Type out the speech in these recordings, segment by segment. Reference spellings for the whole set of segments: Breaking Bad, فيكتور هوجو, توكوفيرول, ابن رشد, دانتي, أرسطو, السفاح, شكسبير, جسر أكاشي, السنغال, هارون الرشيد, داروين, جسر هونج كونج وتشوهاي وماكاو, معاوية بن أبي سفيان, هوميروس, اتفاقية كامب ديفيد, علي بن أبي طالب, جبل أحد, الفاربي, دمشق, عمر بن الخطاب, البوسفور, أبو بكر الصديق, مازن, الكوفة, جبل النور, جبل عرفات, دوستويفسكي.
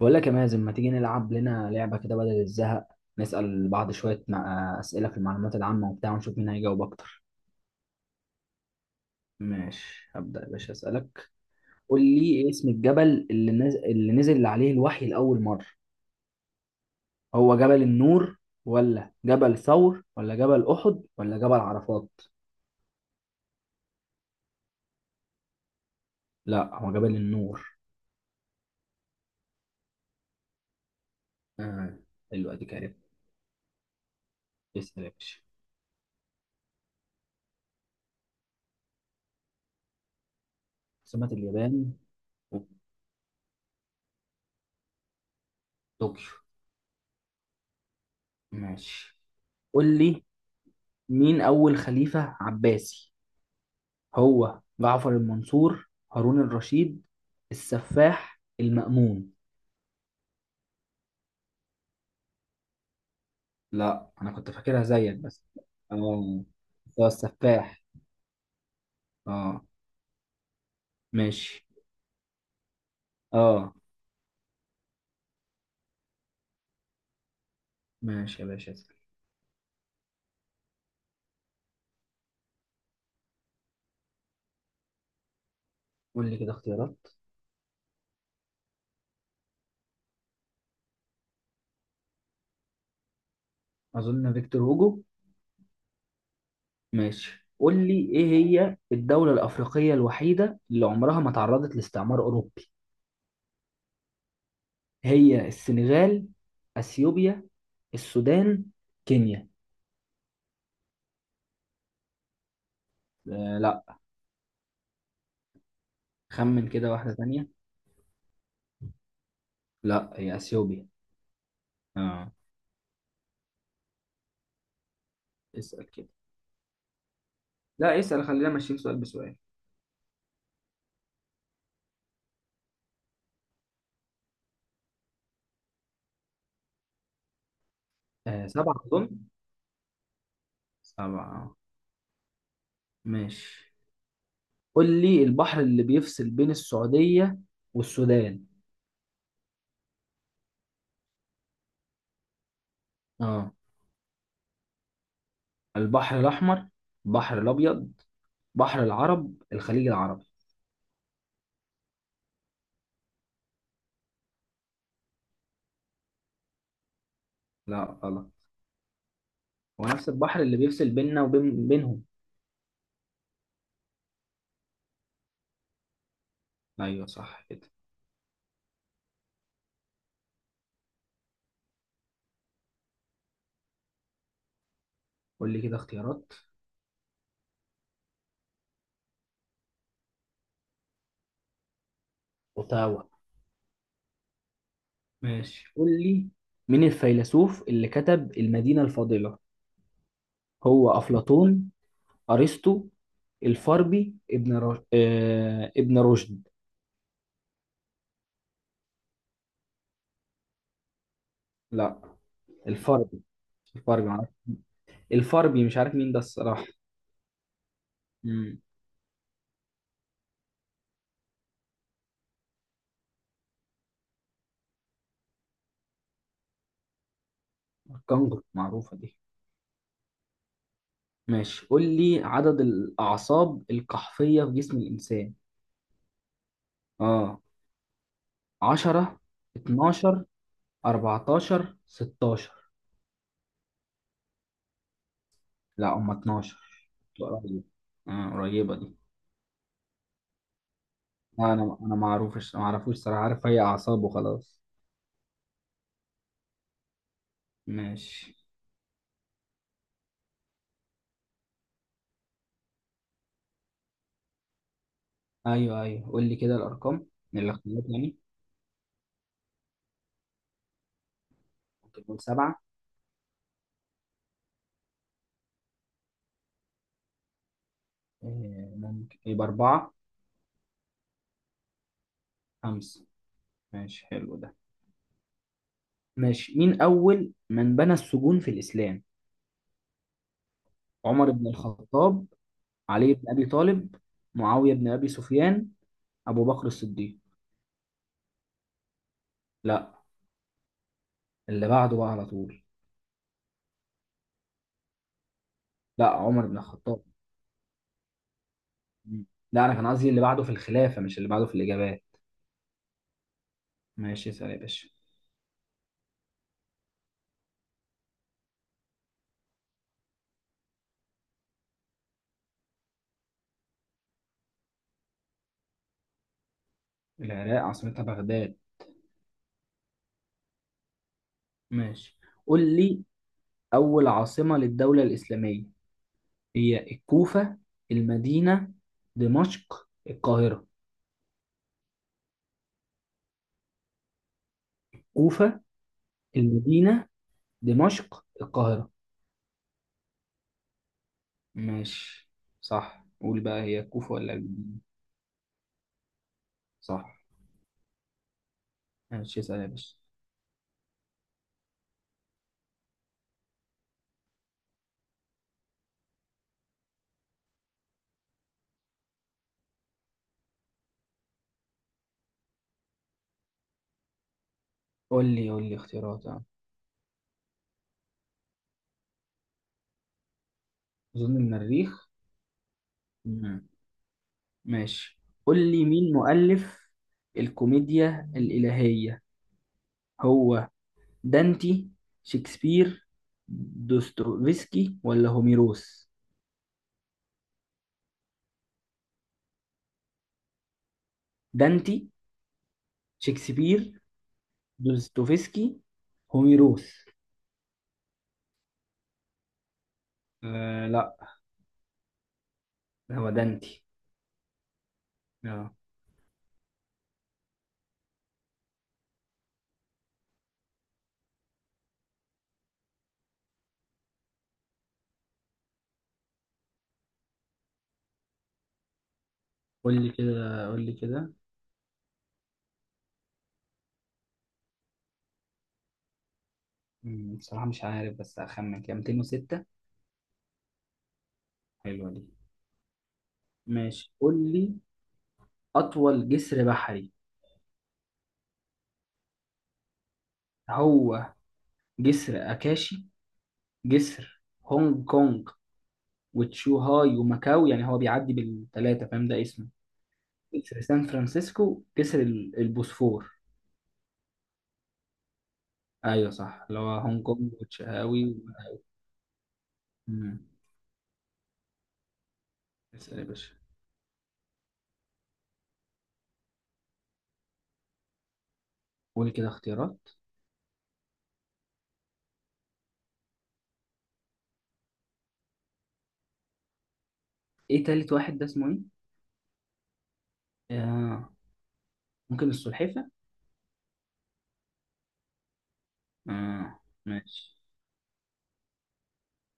بقول لك يا مازن، ما تيجي نلعب لنا لعبة كده بدل الزهق؟ نسأل بعض شوية أسئلة في المعلومات العامة وبتاع، ونشوف مين هيجاوب أكتر. ماشي، هبدأ يا باشا أسألك. قول لي، إيه اسم الجبل اللي نزل عليه الوحي لأول مرة؟ هو جبل النور، ولا جبل ثور، ولا جبل أحد، ولا جبل عرفات؟ لا، هو جبل النور. آه حلو، أديك عرفت. اسأل يا باشا. عاصمة اليابان؟ طوكيو. ماشي، قول لي، مين أول خليفة عباسي؟ هو جعفر المنصور، هارون الرشيد، السفاح، المأمون؟ لا، انا كنت فاكرها زيك بس. اه، بس هو السفاح. اه ماشي. اه، ماشي يا باشا اسأل. قول لي كده اختيارات. اظن فيكتور هوجو. ماشي، قول لي، ايه هي الدولة الأفريقية الوحيدة اللي عمرها ما تعرضت لاستعمار أوروبي؟ هي السنغال، أثيوبيا، السودان، كينيا؟ آه لا. خمن كده واحدة تانية. لا، هي أثيوبيا. اه، اسأل كده. لا، اسأل، خلينا ماشيين سؤال بسؤال. سبعة أظن، سبعة. ماشي، قول لي البحر اللي بيفصل بين السعودية والسودان. اه، البحر الأحمر، البحر الأبيض، بحر العرب، الخليج العربي. لا غلط، هو نفس البحر اللي بيفصل بيننا بينهم. أيوه صح كده. قول لي كده اختيارات. اوتاوا. ماشي، قول لي، مين الفيلسوف اللي كتب المدينة الفاضلة؟ هو أفلاطون، ارسطو، الفاربي، ابن رشد؟ لا. الفاربي. الفاربي معرفة. الفاربي مش عارف مين ده الصراحة. امم الكنغر، معروفة دي. ماشي، قول لي عدد الأعصاب القحفية في جسم الإنسان. اه، 10، 12، 14، 16؟ لا، هم 12. قريبة، اه قريبة دي. لا، انا ما اعرفوش صراحة، عارف هي أعصاب وخلاص. ماشي، ايوه ايوه، قول لي كده الأرقام، الاختيارات يعني. ممكن نقول سبعة. ممكن يبقى أربعة. خمسة، ماشي، حلو ده. ماشي، مين أول من بنى السجون في الإسلام؟ عمر بن الخطاب، علي بن أبي طالب، معاوية بن أبي سفيان، أبو بكر الصديق؟ لا، اللي بعده بقى على طول. لا، عمر بن الخطاب. مم. لا، أنا كان قصدي اللي بعده في الخلافة، مش اللي بعده في الإجابات. ماشي، اسأل يا باشا. العراق عاصمتها بغداد. ماشي، قول لي أول عاصمة للدولة الإسلامية؟ هي الكوفة، المدينة، دمشق، القاهرة. كوفة، المدينة، دمشق، القاهرة. ماشي صح، قول بقى، هي كوفة ولا المدينة؟ صح. ماشي، اسأل يا باشا. قول لي اختيارات اه. أظن المريخ. مم. ماشي، قول لي مين مؤلف الكوميديا الإلهية؟ هو دانتي، شكسبير، دوستويفسكي، ولا هوميروس؟ دانتي، شكسبير، دوستويفسكي، هوميروس. آه لا، هو دانتي. اه، قول لي كده. مم، بصراحة مش عارف، بس هخمن كده 206. حلوة دي. ماشي، قول لي أطول جسر بحري. هو جسر أكاشي، جسر هونج كونج وتشوهاي وماكاو، يعني هو بيعدي بالثلاثة فاهم ده اسمه، جسر سان فرانسيسكو، جسر البوسفور. أيوة صح، اللي هو هونج كونج وتشهاوي و... مم. اسأل يا باشا. قول كده اختيارات. ايه تالت واحد ده اسمه ايه؟ آه ممكن السلحفة؟ آه ماشي.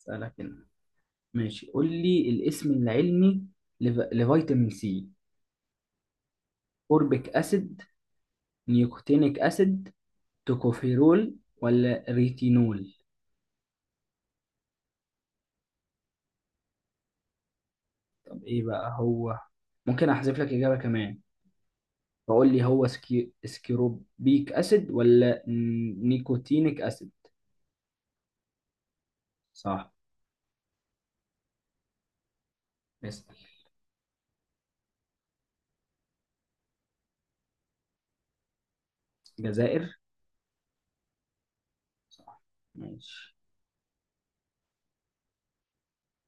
اسألك هنا. ماشي، قول لي الاسم العلمي لفيتامين سي. أوربيك أسيد، نيكوتينيك أسيد، توكوفيرول، ولا ريتينول؟ طب ايه بقى هو؟ ممكن احذف لك إجابة كمان، فقول لي، هو سكيروبيك أسيد ولا نيكوتينيك أسيد؟ صح. اسأل. جزائر. صح، ماشي.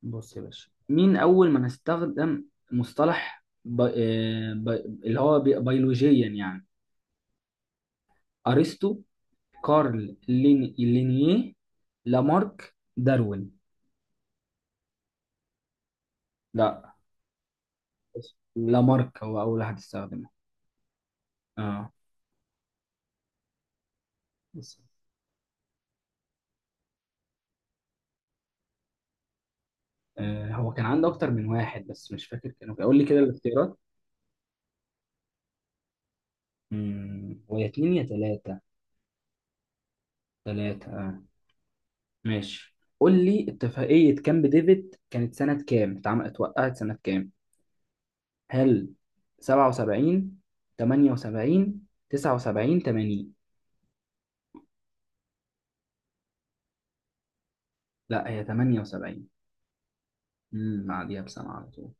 بص يا باشا، مين أول من استخدم مصطلح اللي هو بيولوجيا يعني؟ أرسطو، كارل لينيه، لامارك، داروين؟ لا. لامارك هو أول واحد استخدمه. اه بس. آه، هو كان عنده أكتر من واحد بس مش فاكر كانوا، قول لي كده الاختيارات. امم، هو يا اتنين يا تلاتة. تلاتة اه. ماشي، قول لي، اتفاقية كامب ديفيد كانت سنة كام؟ اتعملت اتوقعت سنة كام؟ هل سبعة وسبعين، تمانية وسبعين، تسعة وسبعين، تمانين؟ لا، هي تمانية وسبعين. امم، بعديها بسنة على طول.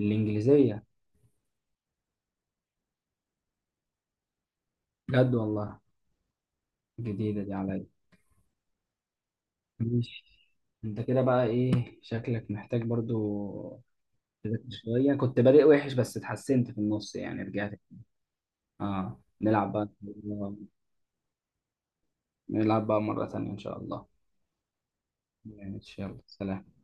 الإنجليزية. بجد والله؟ جديدة دي عليا. ماشي، انت كده بقى ايه شكلك محتاج برضو تذاكر شوية، كنت بادئ وحش بس اتحسنت في النص يعني، رجعت. اه، نلعب بقى مرة تانية إن شاء الله. ماشي، يلا سلام.